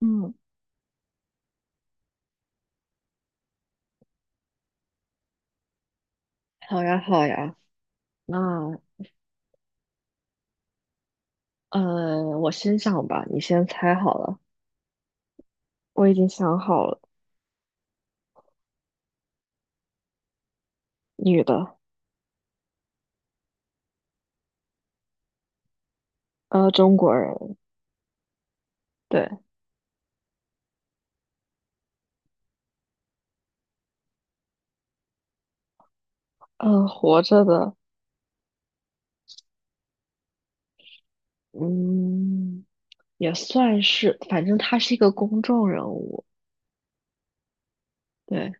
嗯，好呀，好呀。那我先想吧，你先猜好了。我已经想好了，女的，中国人，对，活着的，嗯，也算是，反正她是一个公众人物。对，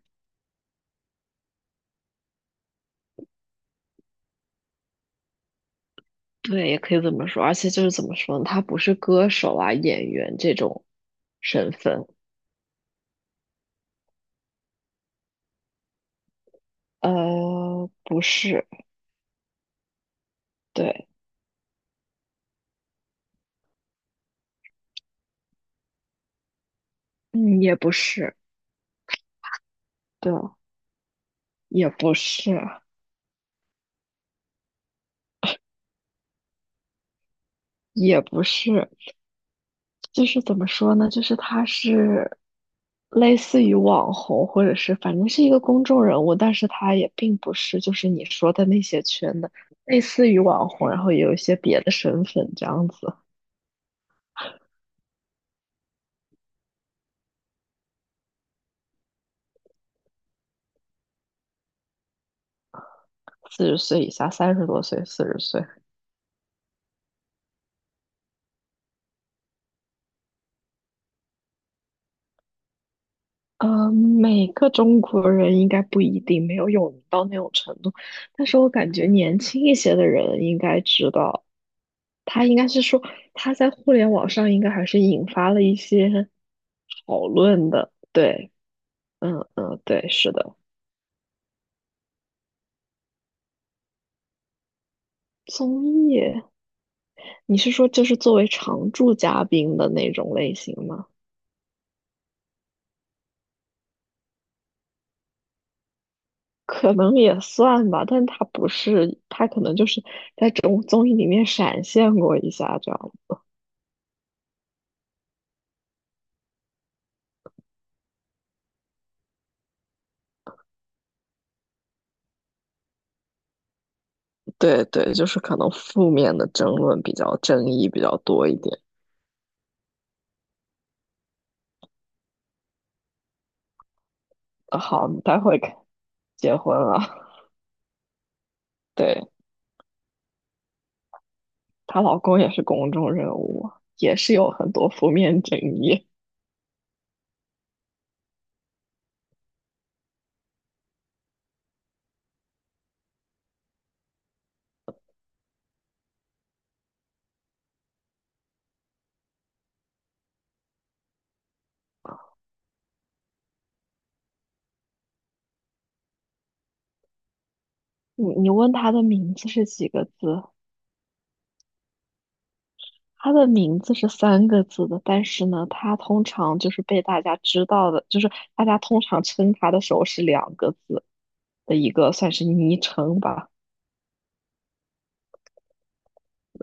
对，也可以这么说。而且就是怎么说呢，他不是歌手啊、演员这种身份，不是，对，嗯，也不是，对，也不是，也不是，就是怎么说呢？就是类似于网红，或者是反正是一个公众人物，但是他也并不是就是你说的那些圈的，类似于网红，然后也有一些别的身份这样子。四十岁以下，三十多岁，四十岁，每个中国人应该不一定没有有名到那种程度，但是我感觉年轻一些的人应该知道，他应该是说他在互联网上应该还是引发了一些讨论的。对，嗯嗯，对，是的。综艺，你是说就是作为常驻嘉宾的那种类型吗？可能也算吧，但他不是，他可能就是在综艺里面闪现过一下这样。对对，就是可能负面的争论比较争议比较多一点。好，你待会儿结婚了，对。她老公也是公众人物，也是有很多负面争议。你问她的名字是几个字？她的名字是三个字的，但是呢，她通常就是被大家知道的，就是大家通常称她的时候是两个字的一个算是昵称吧。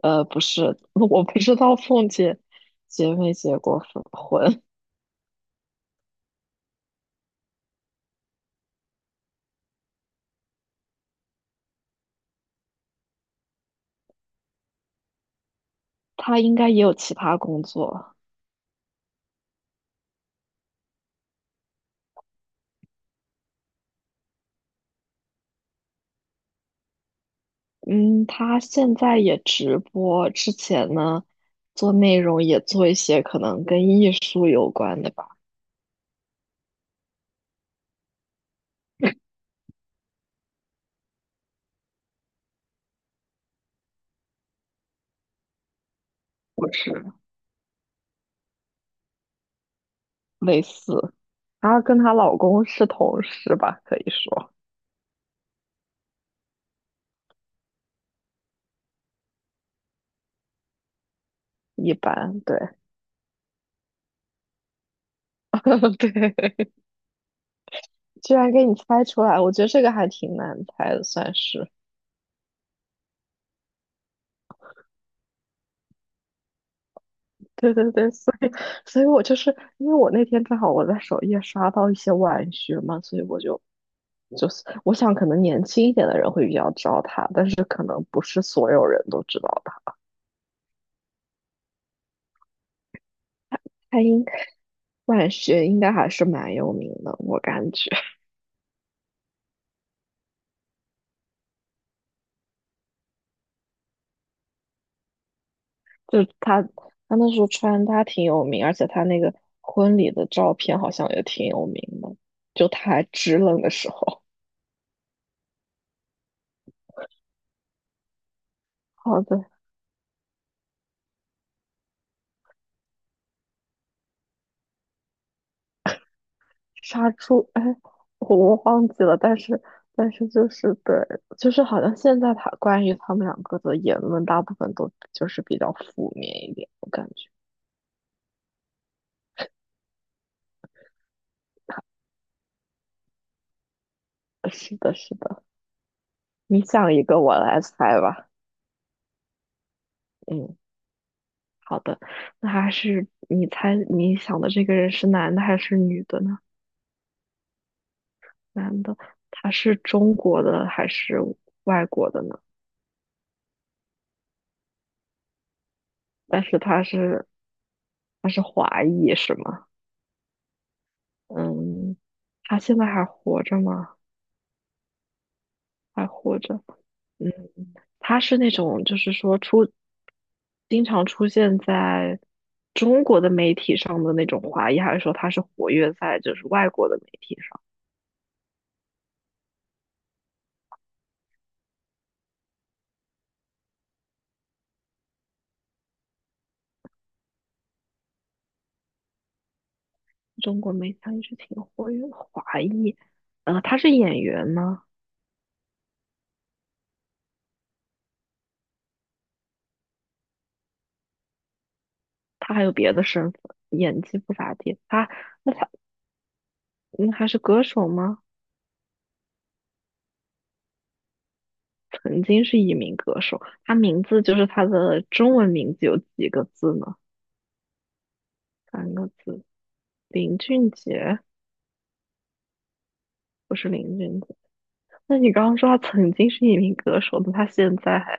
不是，我不知道凤姐结没结过婚，她应该也有其他工作。嗯，她现在也直播，之前呢做内容也做一些可能跟艺术有关的吧，或是类似。然后跟她老公是同事吧，可以说一般。对，对，居然给你猜出来，我觉得这个还挺难猜的，算是。对对对，所以我就是因为我那天正好我在首页刷到一些晚学嘛，所以我就我想可能年轻一点的人会比较知道他，但是可能不是所有人都知道他。他应万学应该还是蛮有名的，我感觉就他他那时候穿搭挺有名，而且他那个婚礼的照片好像也挺有名的，就他还支棱的时候。好的，杀猪，哎，我忘记了，但是就是对，就是好像现在他关于他们两个的言论，大部分都就是比较负面一点，我感觉。是的，是的，你想一个，我来猜吧。嗯，好的，那还是你猜你想的这个人是男的还是女的呢？男的，他是中国的还是外国的呢？但是他是华裔是吗？嗯，他现在还活着吗？还活着。嗯，他是那种就是经常出现在中国的媒体上的那种华裔，还是说他是活跃在就是外国的媒体上？中国媒体他一直挺活跃的华裔，他是演员吗？他还有别的身份，演技不咋地。他那还是歌手吗？曾经是一名歌手，他名字就是他的中文名字有几个字呢？三个字，林俊杰，不是林俊杰。那你刚刚说他曾经是一名歌手，那他现在还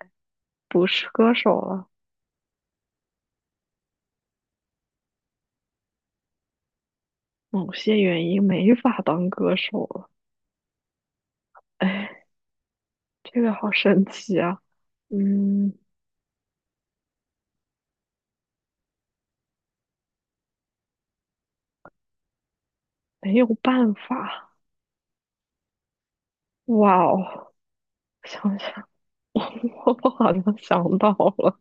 不是歌手了？某些原因没法当歌手了，哎，这个好神奇啊，嗯。没有办法。哇哦，想想，我好像想到了，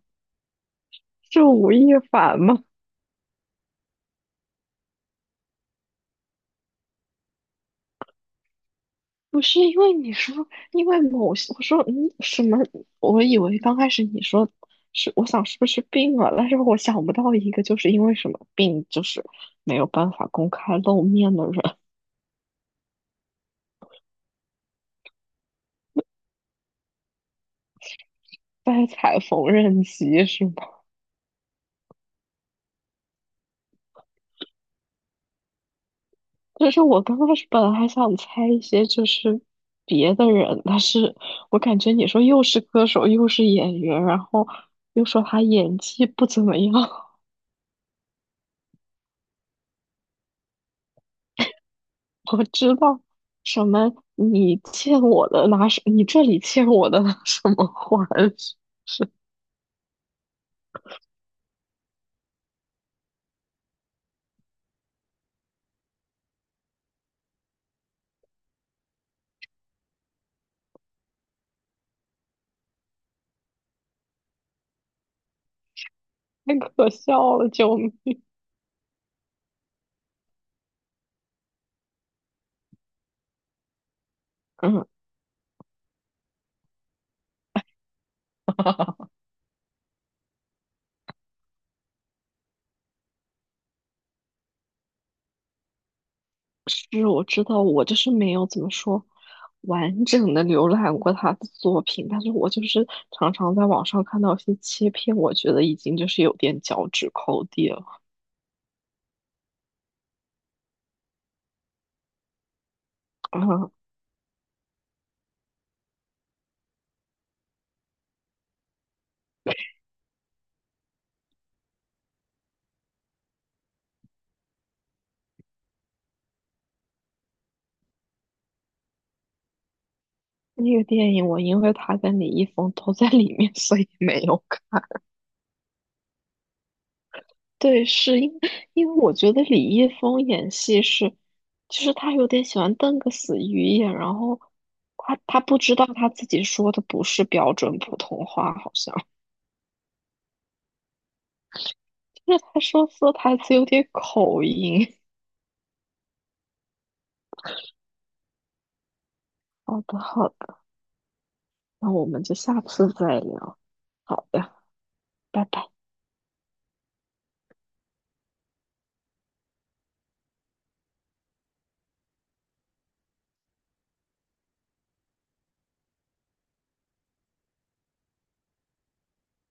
是吴亦凡吗？不是因为你说，因为某些，我说嗯什么？我以为刚开始你说是，我想是不是病了，但是我想不到一个就是因为什么病，就是没有办法公开露面的人在踩缝纫机是吗？可是我刚开始本来还想猜一些就是别的人，但是我感觉你说又是歌手又是演员，然后又说他演技不怎么样，我知道什么你欠我的拿什，你这里欠我的拿什么还，是太可笑了，救命！嗯，是，我知道，我就是没有怎么说完整的浏览过他的作品，但是我就是常常在网上看到一些切片，我觉得已经就是有点脚趾抠地了。嗯，那个电影我因为他跟李易峰都在里面，所以没有看。对，是因为我觉得李易峰演戏是，就是他有点喜欢瞪个死鱼眼，然后他不知道他自己说的不是标准普通话，好像。因为他说台词有点口音。好的，好的，那我们就下次再聊。好的，拜拜。